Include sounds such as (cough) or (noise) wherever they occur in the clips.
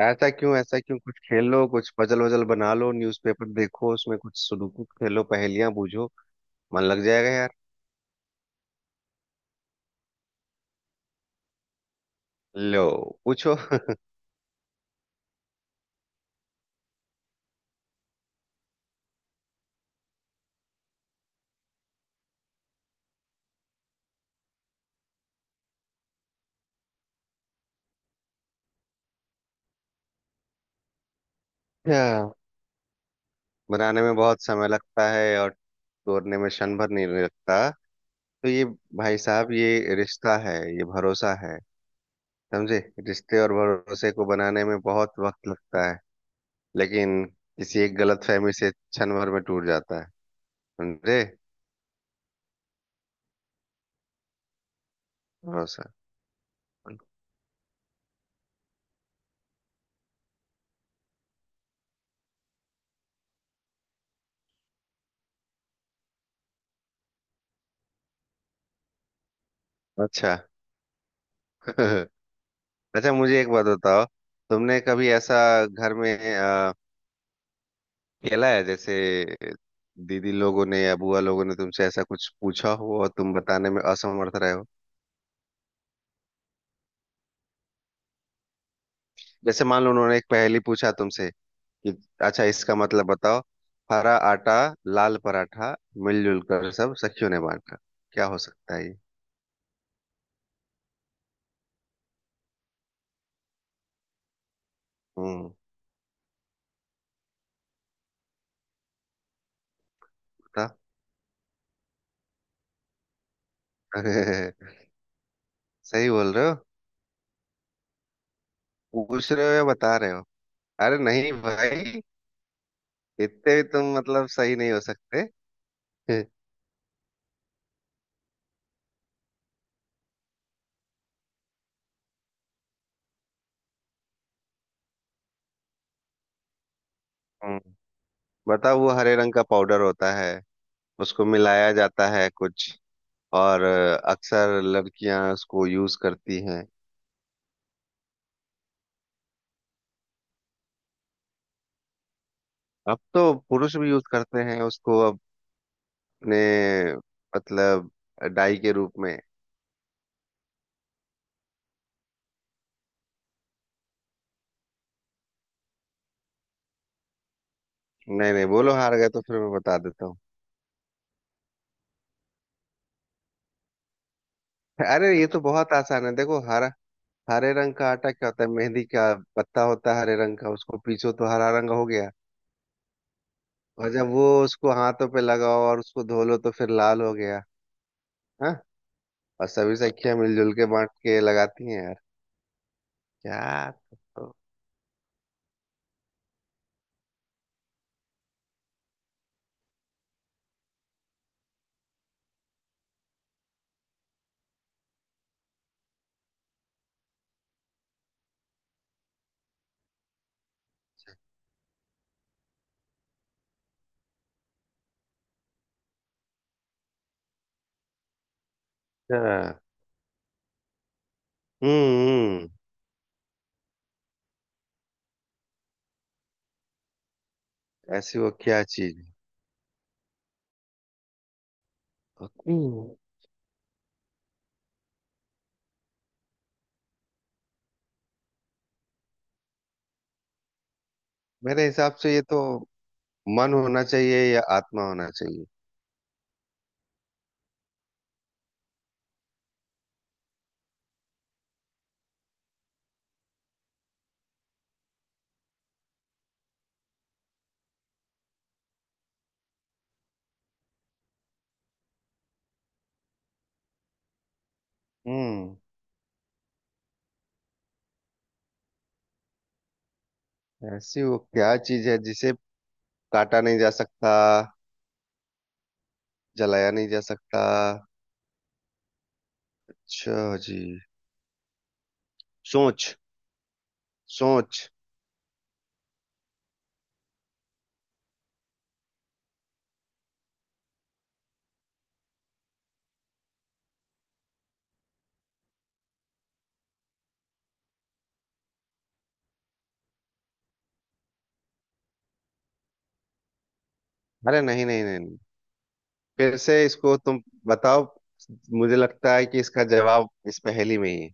ऐसा क्यों? ऐसा क्यों? कुछ खेल लो, कुछ पजल वजल बना लो, न्यूज़पेपर देखो, उसमें कुछ सुडोकू खेलो, पहेलियां बूझो। मन लग जाएगा यार। लो, पूछो। (laughs) अच्छा, बनाने में बहुत समय लगता है और तोड़ने में क्षण भर नहीं लगता। तो ये, भाई साहब, ये रिश्ता है, ये भरोसा है। समझे? रिश्ते और भरोसे को बनाने में बहुत वक्त लगता है, लेकिन किसी एक गलत फहमी से क्षण भर में टूट जाता है। समझे? भरोसा। अच्छा। (laughs) अच्छा, मुझे एक बात बताओ, तुमने कभी ऐसा घर में खेला है, जैसे दीदी लोगों ने या बुआ लोगों ने तुमसे ऐसा कुछ पूछा हो और तुम बताने में असमर्थ रहे हो? जैसे मान लो उन्होंने एक पहेली पूछा तुमसे कि अच्छा इसका मतलब बताओ। हरा आटा, लाल पराठा, मिलजुल कर सब सखियों ने बांटा। क्या हो सकता है ये? हम्म, बता। (laughs) सही बोल रहे हो? पूछ रहे हो या बता रहे हो? अरे नहीं भाई, इतने भी तुम मतलब सही नहीं हो सकते। (laughs) हम्म, बताओ। वो हरे रंग का पाउडर होता है, उसको मिलाया जाता है कुछ, और अक्सर लड़कियां उसको यूज करती हैं। अब तो पुरुष भी यूज करते हैं उसको, अपने, मतलब, डाई के रूप में। नहीं नहीं, बोलो, हार गए तो फिर मैं बता देता हूँ। अरे ये तो बहुत आसान है, देखो। हरा, हरे रंग का आटा क्या होता है? मेहंदी का पत्ता होता है हरे रंग का, उसको पीसो तो हरा रंग हो गया। और जब वो उसको हाथों पे लगाओ और उसको धो लो तो फिर लाल हो गया। हाँ? और सभी सखियां मिलजुल के बांट के लगाती हैं यार। क्या? तो- अच्छा। हम्म। ऐसी वो क्या चीज है? हम्म, मेरे हिसाब से ये तो मन होना चाहिए या आत्मा होना चाहिए। हम्म। ऐसी वो क्या चीज है जिसे काटा नहीं जा सकता, जलाया नहीं जा सकता? अच्छा जी। सोच, सोच। अरे नहीं नहीं नहीं नहीं। फिर से इसको तुम बताओ। मुझे लगता है कि इसका जवाब इस पहेली में ही है।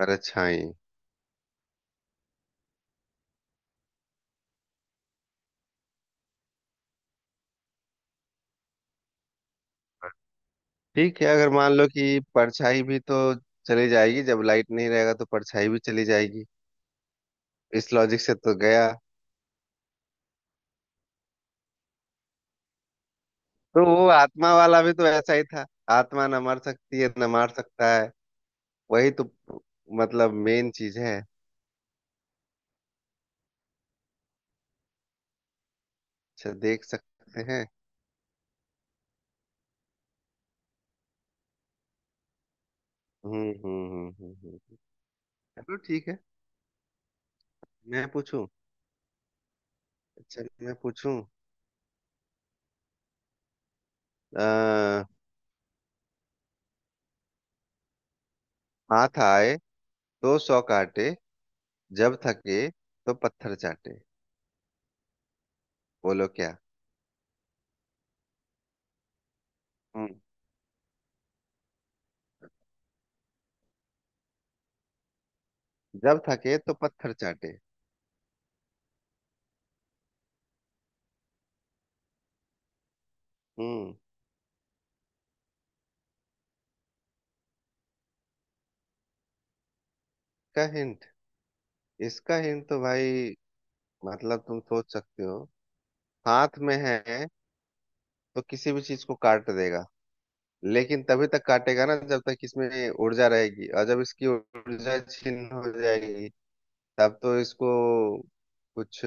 परछाई? ठीक है, अगर मान लो कि परछाई भी तो चली जाएगी। जब लाइट नहीं रहेगा तो परछाई भी चली जाएगी। इस लॉजिक से तो गया। तो वो आत्मा वाला भी तो ऐसा ही था। आत्मा न मर सकती है न मार सकता है। वही तो, मतलब, मेन चीज है। अच्छा, देख सकते हैं। हम्म हम्म हम्म हम्म हम्म। चलो ठीक है, मैं पूछूं? अच्छा, मैं पूछूं। अः हाथ आए तो सौ काटे, जब थके तो पत्थर चाटे। बोलो क्या? हम्म। जब थके तो पत्थर चाटे। हम्म। इसका हिंट? इसका हिंट तो भाई, मतलब तुम सोच सकते हो। हाथ में है तो किसी भी चीज को काट देगा, लेकिन तभी तक काटेगा ना जब तक इसमें ऊर्जा रहेगी। और जब इसकी ऊर्जा छिन्न हो जाएगी, तब तो इसको कुछ,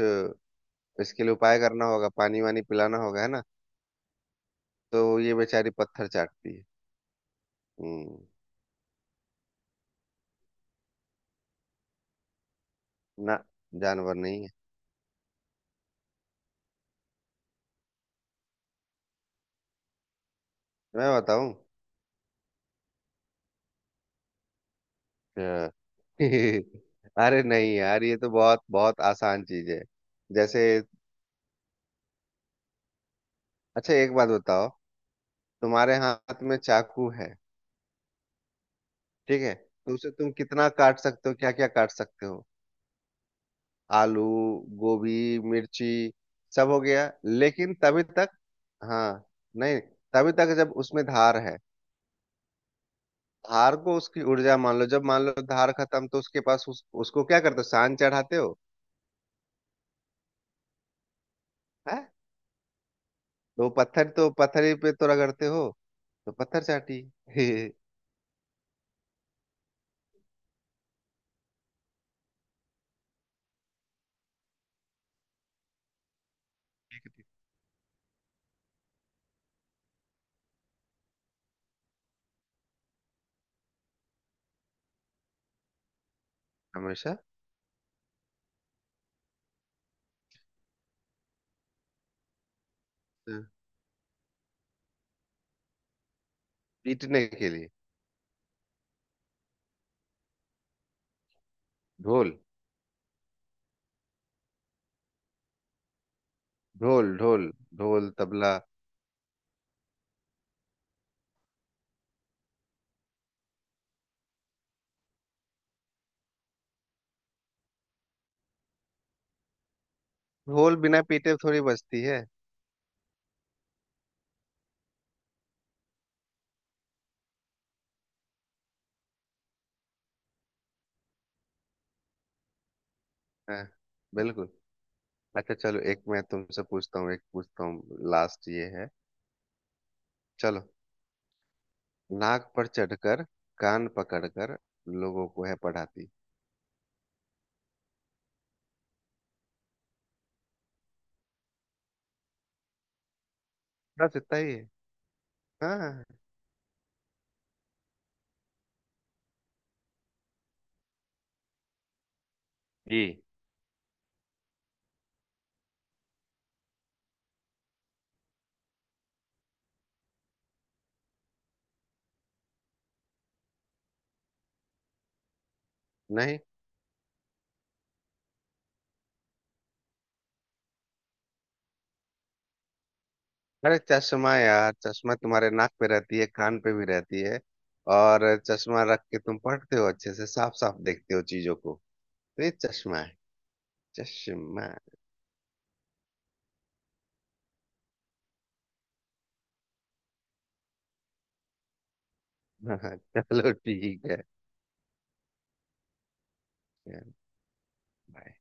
इसके लिए उपाय करना होगा, पानी वानी पिलाना होगा, है ना? तो ये बेचारी पत्थर चाटती है। हम्म। ना, जानवर नहीं है। मैं बताऊं? अच्छा। (laughs) अरे नहीं यार, ये तो बहुत बहुत आसान चीज है। जैसे, अच्छा एक बात बताओ, तुम्हारे हाथ में चाकू है, ठीक है? तो उसे तुम कितना काट सकते हो, क्या क्या काट सकते हो? आलू, गोभी, मिर्ची, सब हो गया, लेकिन तभी तक। हाँ। नहीं, तभी तक जब उसमें धार है। धार को उसकी ऊर्जा मान लो, जब मान लो धार खत्म, तो उसके पास उसको क्या करते हो, सान चढ़ाते हो है? तो वो पत्थर तो पत्थर ही पे तो रगड़ते हो, तो पत्थर चाटी। (laughs) हमेशा? हाँ, पीटने के लिए? ढोल। ढोल। ढोल, ढोल तबला। ढोल बिना पीटे थोड़ी बजती है। हाँ, बिल्कुल। अच्छा, चलो एक मैं तुमसे पूछता हूँ, एक पूछता हूँ, लास्ट ये है। चलो। नाक पर चढ़कर, कान पकड़कर, लोगों को है पढ़ाती। बस इतना ही है। हाँ जी। नहीं। अरे चश्मा यार, चश्मा तुम्हारे नाक पे रहती है, कान पे भी रहती है। और चश्मा रख के तुम पढ़ते हो, अच्छे से साफ साफ देखते हो चीजों को। तो ये चश्मा है। चश्मा। (laughs) हाँ, चलो ठीक है। बाय।